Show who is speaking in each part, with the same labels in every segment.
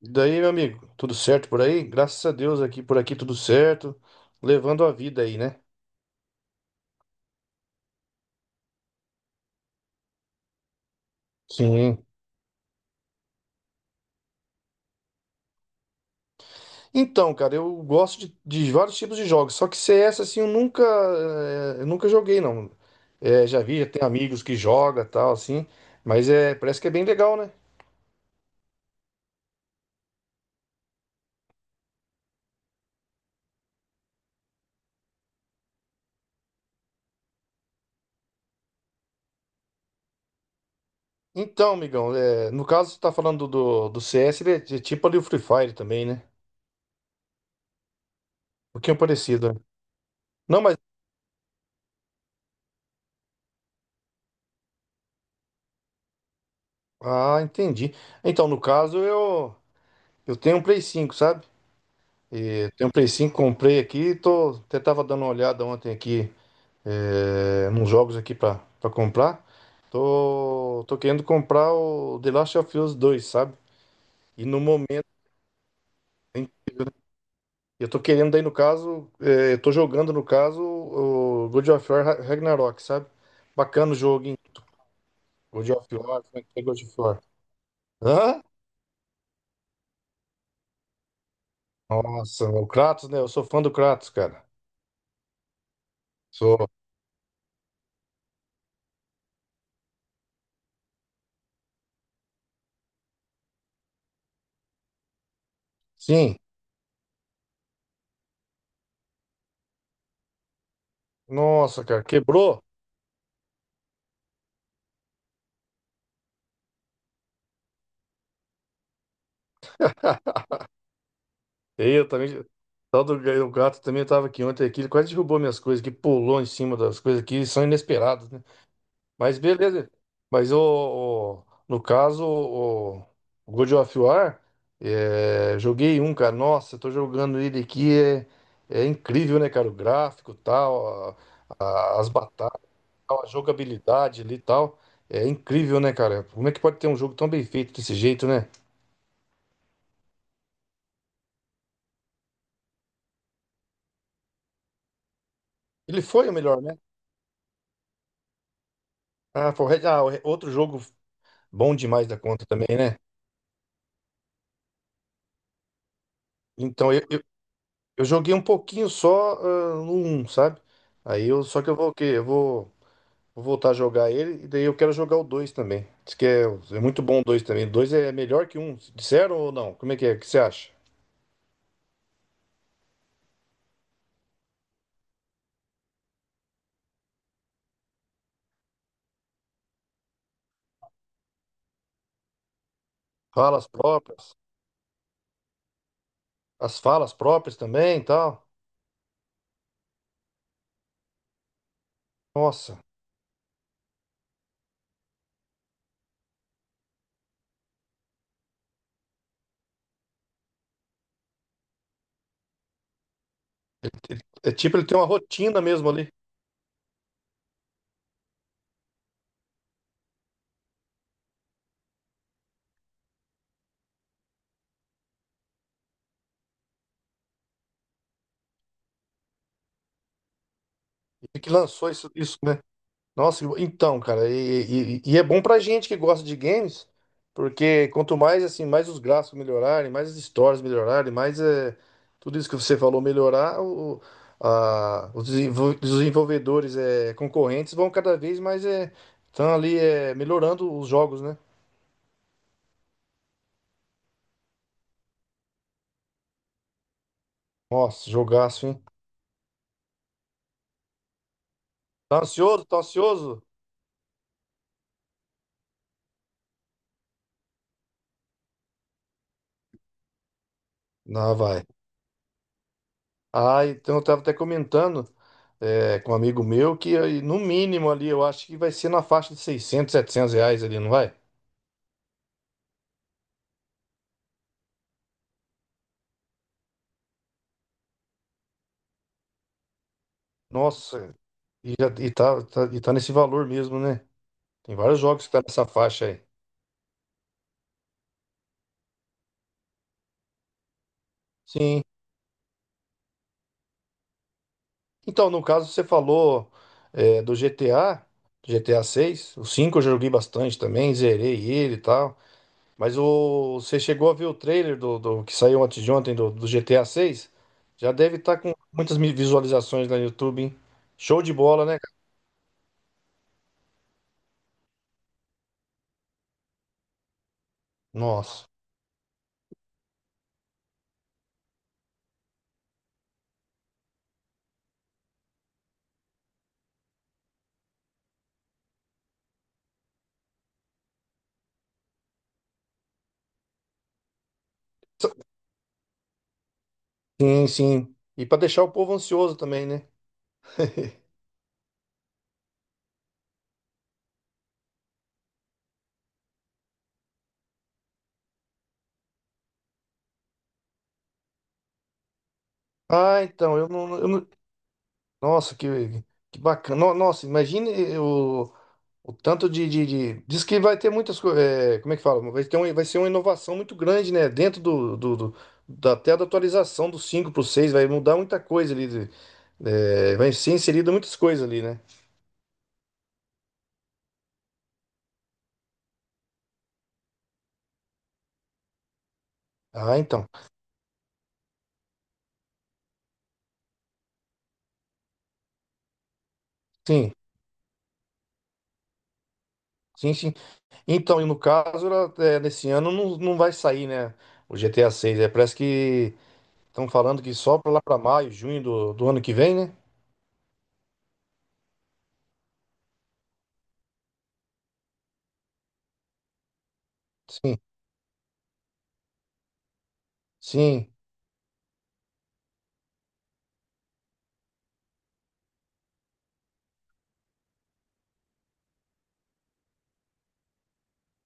Speaker 1: E daí, meu amigo, tudo certo por aí? Graças a Deus aqui por aqui tudo certo, levando a vida aí, né? Sim. Então, cara, eu gosto de vários tipos de jogos, só que CS assim eu nunca eu nunca joguei não. Já vi, já tenho amigos que joga, tal assim, mas é, parece que é bem legal, né? Então, amigão, no caso você tá falando do CS, ele é tipo ali o Free Fire também, né? Um pouquinho parecido, né? Não, mas ah, entendi. Então, no caso eu tenho um Play 5, sabe? E tem um Play 5, comprei aqui, tô, até tava dando uma olhada ontem aqui é, nos jogos aqui pra comprar. Tô querendo comprar o The Last of Us 2, sabe? E no momento, hein, eu tô querendo daí no caso, é, eu tô jogando no caso o God of War Ragnarok, sabe? Bacana o jogo, hein? God of War, como é que é God of War? Hã? Nossa, o Kratos, né? Eu sou fã do Kratos, cara. Sou. Sim. Nossa, cara, quebrou. E eu também. O tal do o gato também estava aqui ontem aqui, ele quase derrubou minhas coisas aqui, pulou em cima das coisas aqui, são inesperados, né? Mas beleza. Mas no caso, o God of War, é, joguei um, cara. Nossa, eu tô jogando ele aqui, é, é incrível, né, cara? O gráfico, tal, as batalhas, tal, a jogabilidade ali e tal. É incrível, né, cara? Como é que pode ter um jogo tão bem feito desse jeito, né? Ele foi o melhor, né? Ah, foi o outro jogo bom demais da conta também, né? Então, eu joguei um pouquinho só ah, no um sabe? Só que eu vou o quê? Vou voltar a jogar ele e daí eu quero jogar o 2 também. Diz que é, é muito bom o 2 também. O 2 é melhor que o um. Disseram ou não? Como é que é? O que você acha? Falas próprias. As falas próprias também e tal. Nossa. É tipo ele tem uma rotina mesmo ali. E que lançou isso, né? Nossa, então, cara, e é bom pra gente que gosta de games, porque quanto mais assim, mais os gráficos melhorarem, mais as histórias melhorarem, mais é, tudo isso que você falou melhorar, os desenvolvedores é, concorrentes vão cada vez mais é, estão ali é, melhorando os jogos, né? Nossa, jogaço, hein? Tá ansioso? Tá ansioso? Não, vai. Ah, então eu estava até comentando é, com um amigo meu que aí, no mínimo ali eu acho que vai ser na faixa de 600, 700 reais ali, não vai? Nossa, e tá nesse valor mesmo, né? Tem vários jogos que tá nessa faixa aí. Sim. Então, no caso, você falou é, do GTA, do GTA seis. O cinco eu joguei bastante também, zerei ele e tal. Mas você chegou a ver o trailer que saiu antes de ontem do GTA 6? Já deve estar com muitas visualizações lá no YouTube, hein? Show de bola, né, cara? Nossa. Sim, sim. E para deixar o povo ansioso também, né? Ah, então, eu não. Nossa, que bacana. No. Nossa, imagine o. O tanto diz que vai ter muitas coisas. Como é que fala? Vai ser uma inovação muito grande, né? Dentro do da, até da atualização do cinco para o 6 vai mudar muita coisa ali. É, vai ser inserida muitas coisas ali, né? Ah, então. Sim, sim. Então, e no caso, ela, é, nesse ano não vai sair, né? O GTA seis, é, parece que estão falando que só para lá para maio, junho do ano que vem, né? Sim, sim.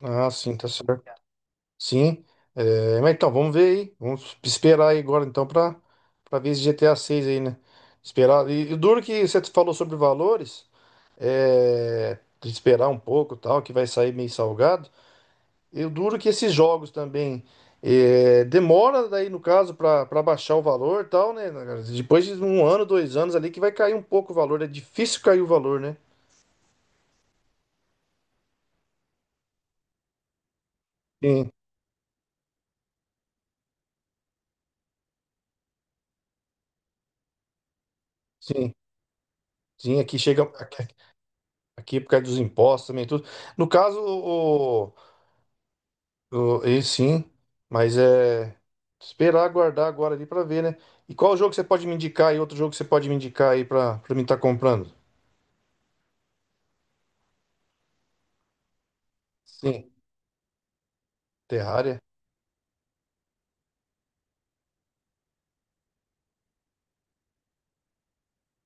Speaker 1: Ah, sim, tá certo. Sim, é, mas então, vamos ver aí. Vamos esperar aí agora então pra ver esse GTA seis aí, né? Esperar. E o duro que você falou sobre valores, é, de esperar um pouco e tal, que vai sair meio salgado. E o duro que esses jogos também é, demora daí, no caso, pra baixar o valor e tal, né? Cara? Depois de um ano, dois anos ali que vai cair um pouco o valor. É difícil cair o valor, né? Sim, sim, sim. Aqui chega. Aqui por causa dos impostos também, tudo. No caso, o. E sim, mas é esperar aguardar agora ali pra ver, né? E qual jogo você pode me indicar aí? Outro jogo que você pode me indicar aí pra para mim estar comprando? Sim, Terraria.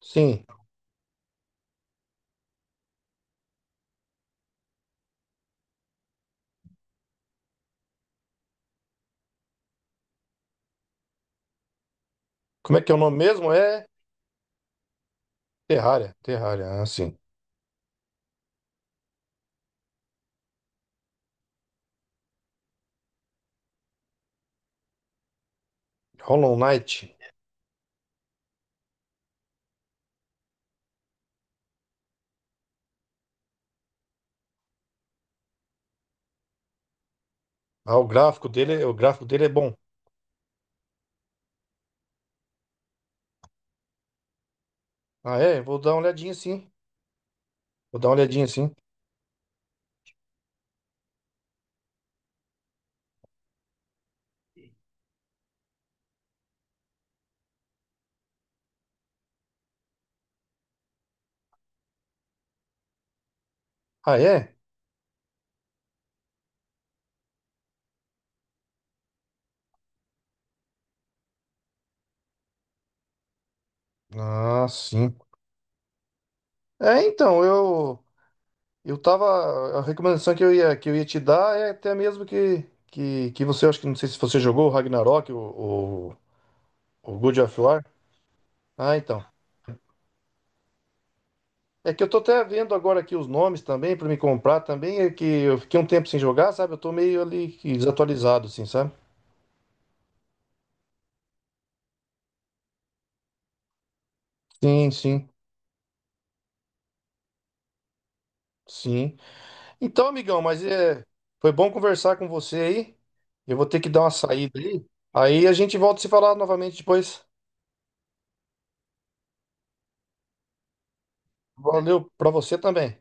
Speaker 1: Sim. Como é que é o nome mesmo? É Terraria, ah, sim. Hollow Knight. Ah, o gráfico dele é bom. Ah, é? Vou dar uma olhadinha sim. Vou dar uma olhadinha sim. Ah, é? Ah, sim. É, então, eu. Eu tava. A recomendação que que eu ia te dar é até mesmo que você, acho que não sei se você jogou o Ragnarok, o God of War. Ah, então. É que eu tô até vendo agora aqui os nomes também pra me comprar também. É que eu fiquei um tempo sem jogar, sabe? Eu tô meio ali que desatualizado, assim, sabe? Sim, sim, sim. Então, amigão, mas é, foi bom conversar com você aí. Eu vou ter que dar uma saída aí. Aí a gente volta a se falar novamente depois. Valeu pra você também.